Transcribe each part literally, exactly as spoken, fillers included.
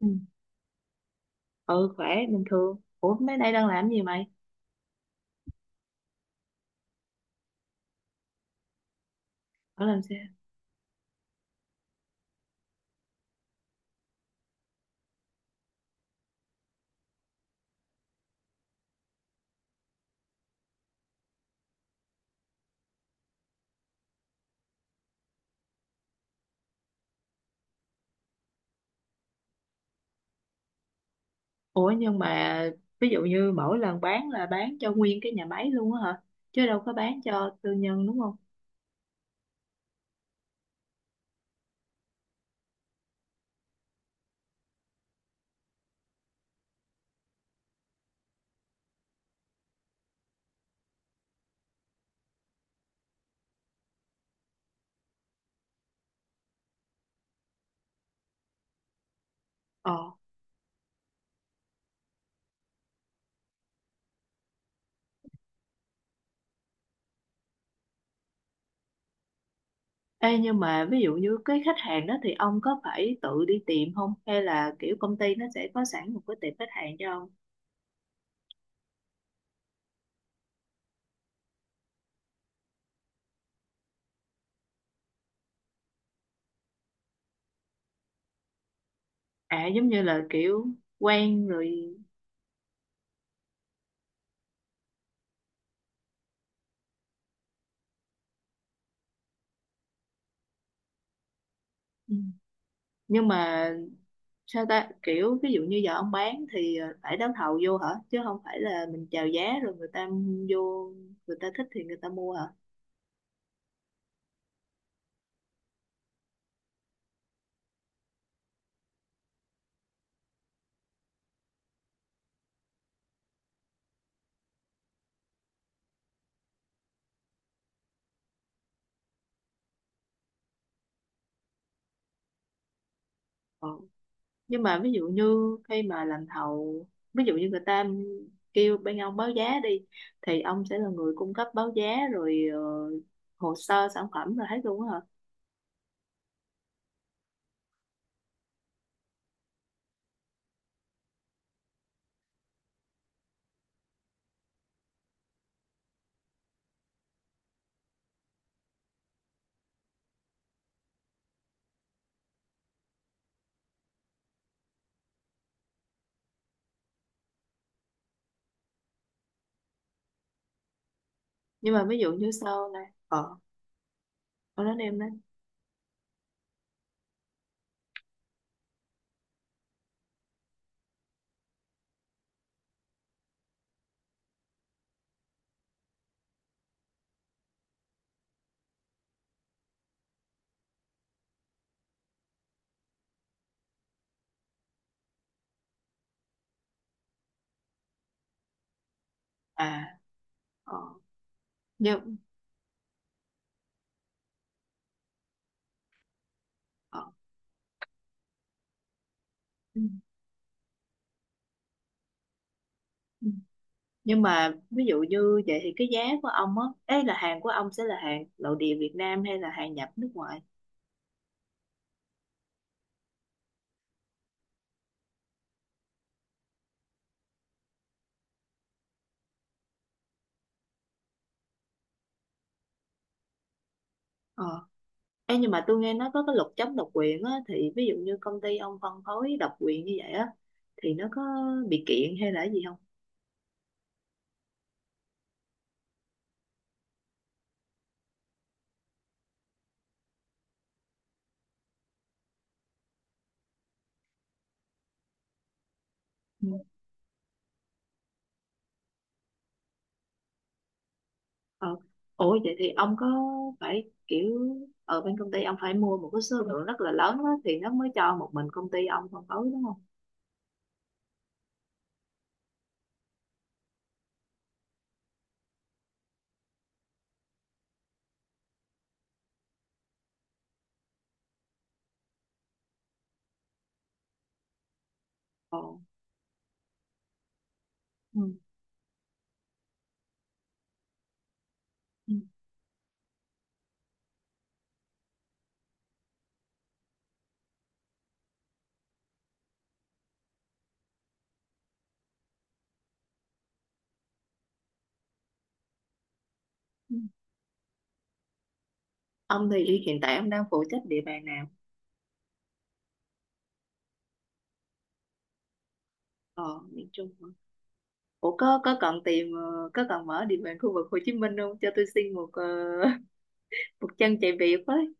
Ừ, Ừ, khỏe bình thường. Ủa mấy nay đang làm gì mày? Ở làm sao? Ủa nhưng mà ví dụ như mỗi lần bán là bán cho nguyên cái nhà máy luôn á hả? Chứ đâu có bán cho tư nhân đúng không? Ờ. Ê nhưng mà ví dụ như cái khách hàng đó thì ông có phải tự đi tìm không? Hay là kiểu công ty nó sẽ có sẵn một cái tiệm khách hàng cho ông? À, giống như là kiểu quen rồi. Ừ. Nhưng mà sao ta kiểu ví dụ như giờ ông bán thì ờ, phải đấu thầu vô hả, chứ không phải là mình chào giá rồi người ta vô người ta thích thì người ta mua hả? Ờ. Nhưng mà ví dụ như khi mà làm thầu, ví dụ như người ta kêu bên ông báo giá đi thì ông sẽ là người cung cấp báo giá rồi ờ, hồ sơ sản phẩm rồi hết luôn á hả? Nhưng mà ví dụ như sau này ờ ông nói em đấy. À, ờ nhưng ờ ừ. Ừ. Nhưng mà ví dụ như vậy thì cái giá của ông á, ấy là hàng của ông sẽ là hàng nội địa Việt Nam hay là hàng nhập nước ngoài? ờ Ê, nhưng mà tôi nghe nói có cái luật chống độc quyền á, thì ví dụ như công ty ông phân phối độc quyền như vậy á thì nó có bị kiện hay là cái gì không? Ừ. ờ Ủa vậy thì ông có phải kiểu ở bên công ty ông phải mua một cái số lượng rất là lớn á thì nó mới cho một mình công ty ông phân phối đúng không? ờ ừ. Ừ. Ừ. Ông thì hiện tại ông đang phụ trách địa bàn nào? ờ Miền Trung hả? Ủa có có cần tìm, ờ, có cần mở địa bàn khu vực Hồ Chí Minh không, cho tôi xin một ờ, một chân chạy việc với.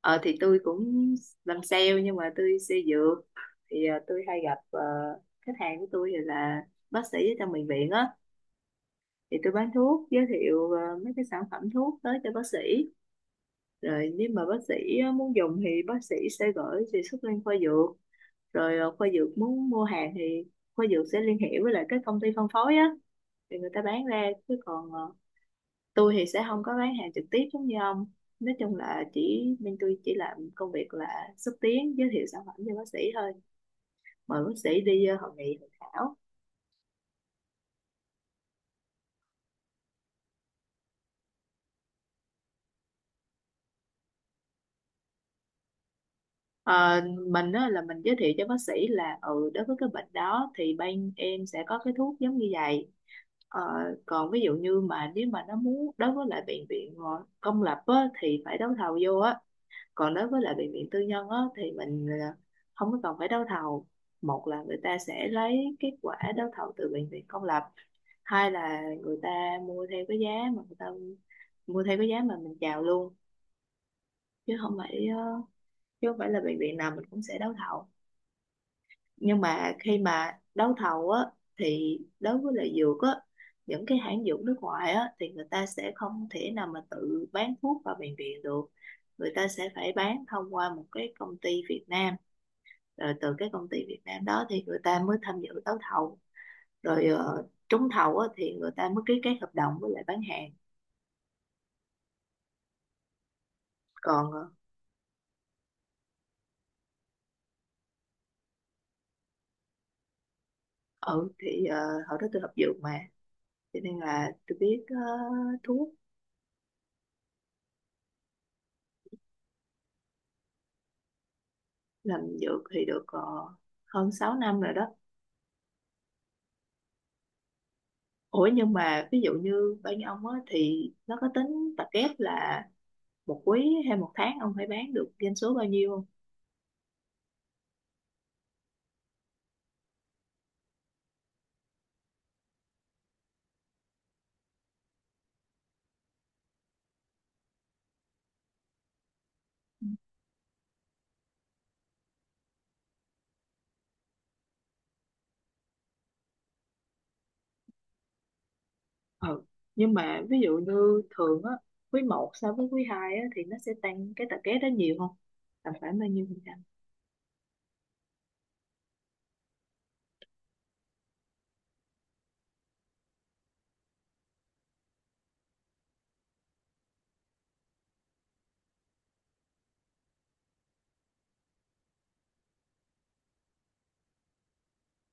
ờ thì tôi cũng làm sale, nhưng mà tôi sale dược thì ờ, tôi hay gặp, ờ, khách hàng của tôi thì là bác sĩ ở trong bệnh viện á, thì tôi bán thuốc, giới thiệu ờ, mấy cái sản phẩm thuốc tới cho bác sĩ. Rồi nếu mà bác sĩ ờ, muốn dùng thì bác sĩ sẽ gửi đề xuất lên khoa dược, rồi ờ, khoa dược muốn mua hàng thì khoa dược sẽ liên hệ với lại các công ty phân phối á, thì người ta bán ra, chứ còn ờ, tôi thì sẽ không có bán hàng trực tiếp giống như ông. Nói chung là chỉ bên tôi chỉ làm công việc là xúc tiến giới thiệu sản phẩm cho bác sĩ thôi, mời bác sĩ đi ờ, hội nghị hội thảo. Ờ, mình á, là mình giới thiệu cho bác sĩ là, ừ, đối với cái bệnh đó thì bên em sẽ có cái thuốc giống như vậy. Ờ, còn ví dụ như mà nếu mà nó muốn đối với lại bệnh viện ờ, công lập á, thì phải đấu thầu vô á. Còn đối với lại bệnh viện tư nhân á, thì mình à, không có cần phải đấu thầu. Một là người ta sẽ lấy kết quả đấu thầu từ bệnh viện công lập, hai là người ta mua theo cái giá mà người ta mua theo cái giá mà mình chào luôn. Chứ không phải ờ, chứ không phải là bệnh viện nào mình cũng sẽ đấu thầu. Nhưng mà khi mà đấu thầu á thì đối với lại dược á, những cái hãng dược nước ngoài á thì người ta sẽ không thể nào mà tự bán thuốc vào bệnh viện được, người ta sẽ phải bán thông qua một cái công ty Việt Nam. Rồi từ cái công ty Việt Nam đó thì người ta mới tham dự đấu thầu, rồi ờ, trúng thầu á, thì người ta mới ký kết hợp đồng với lại bán hàng. Còn ờ, ừ thì ờ, hồi đó tôi học dược mà, cho nên là tôi biết ờ, thuốc. Làm dược thì được ờ, hơn sáu năm rồi đó. Ủa nhưng mà ví dụ như bên ông á, thì nó có tính tập kép là một quý hay một tháng ông phải bán được doanh số bao nhiêu không? Ừ. Nhưng mà ví dụ như thường á, quý một so với quý hai á thì nó sẽ tăng cái tập vé đó nhiều không, tầm khoảng bao nhiêu phần trăm?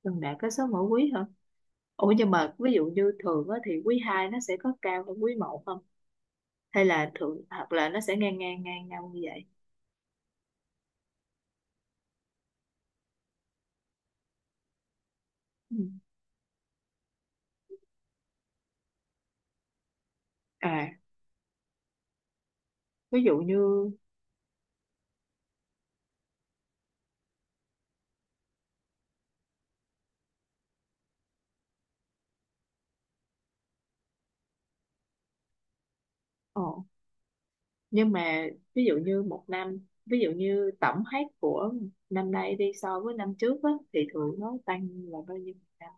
Gần đạt cái số mỗi quý hả? Ủa nhưng mà ví dụ như thường á thì quý hai nó sẽ có cao hơn quý một không, hay là thường hoặc là nó sẽ ngang ngang ngang nhau như vậy? Ừ. À, ví dụ như, ồ, nhưng mà ví dụ như một năm, ví dụ như tổng hết của năm nay đi so với năm trước á thì thường nó tăng là bao nhiêu phần trăm?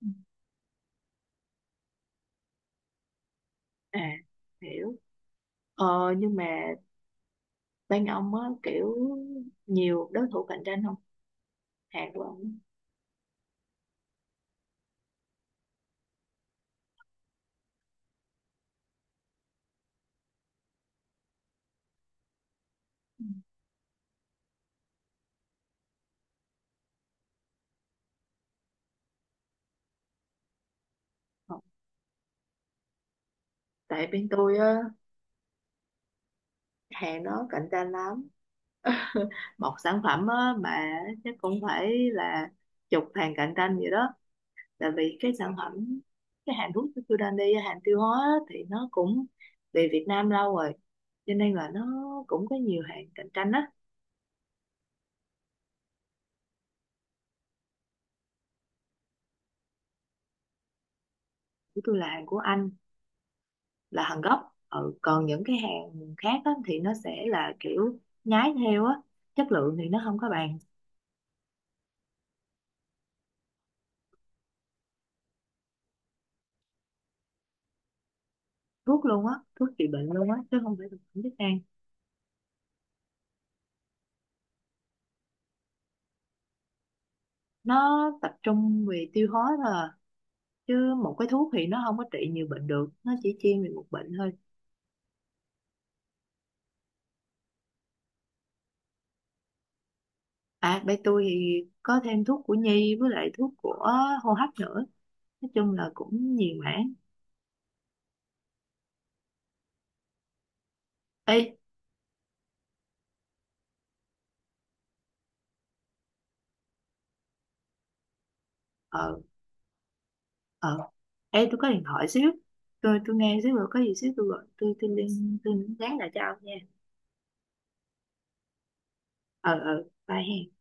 Ừ. À, hiểu. Ờ, nhưng mà bên ông á kiểu nhiều đối thủ cạnh tranh không, hàng của ông á? Không. Tại bên tôi á, hàng đó cạnh tranh lắm. Một sản phẩm á, mà chắc cũng phải là chục hàng cạnh tranh vậy đó. Tại vì cái sản phẩm cái hàng thuốc của tôi đang đi hàng tiêu hóa á, thì nó cũng về Việt Nam lâu rồi, cho nên là nó cũng có nhiều hàng cạnh tranh á. Của tôi là hàng của Anh, là hàng gốc. Ừ. Còn những cái hàng khác á, thì nó sẽ là kiểu nhái theo á, chất lượng thì nó không có bằng. Thuốc luôn á, thuốc trị bệnh luôn á, chứ không phải thực phẩm chức năng. Nó tập trung về tiêu hóa thôi à. Chứ một cái thuốc thì nó không có trị nhiều bệnh được, nó chỉ chuyên về một bệnh thôi. À, bên tôi thì có thêm thuốc của nhi với lại thuốc của hô hấp nữa. Nói chung là cũng nhiều mảng. Ê. ờ ờ Ê, tôi có điện thoại xíu. Tôi tôi nghe xíu, rồi có gì xíu tôi gọi, tôi tôi liên tôi nhắn lại cho ông nha. ờ ờ Bye hen.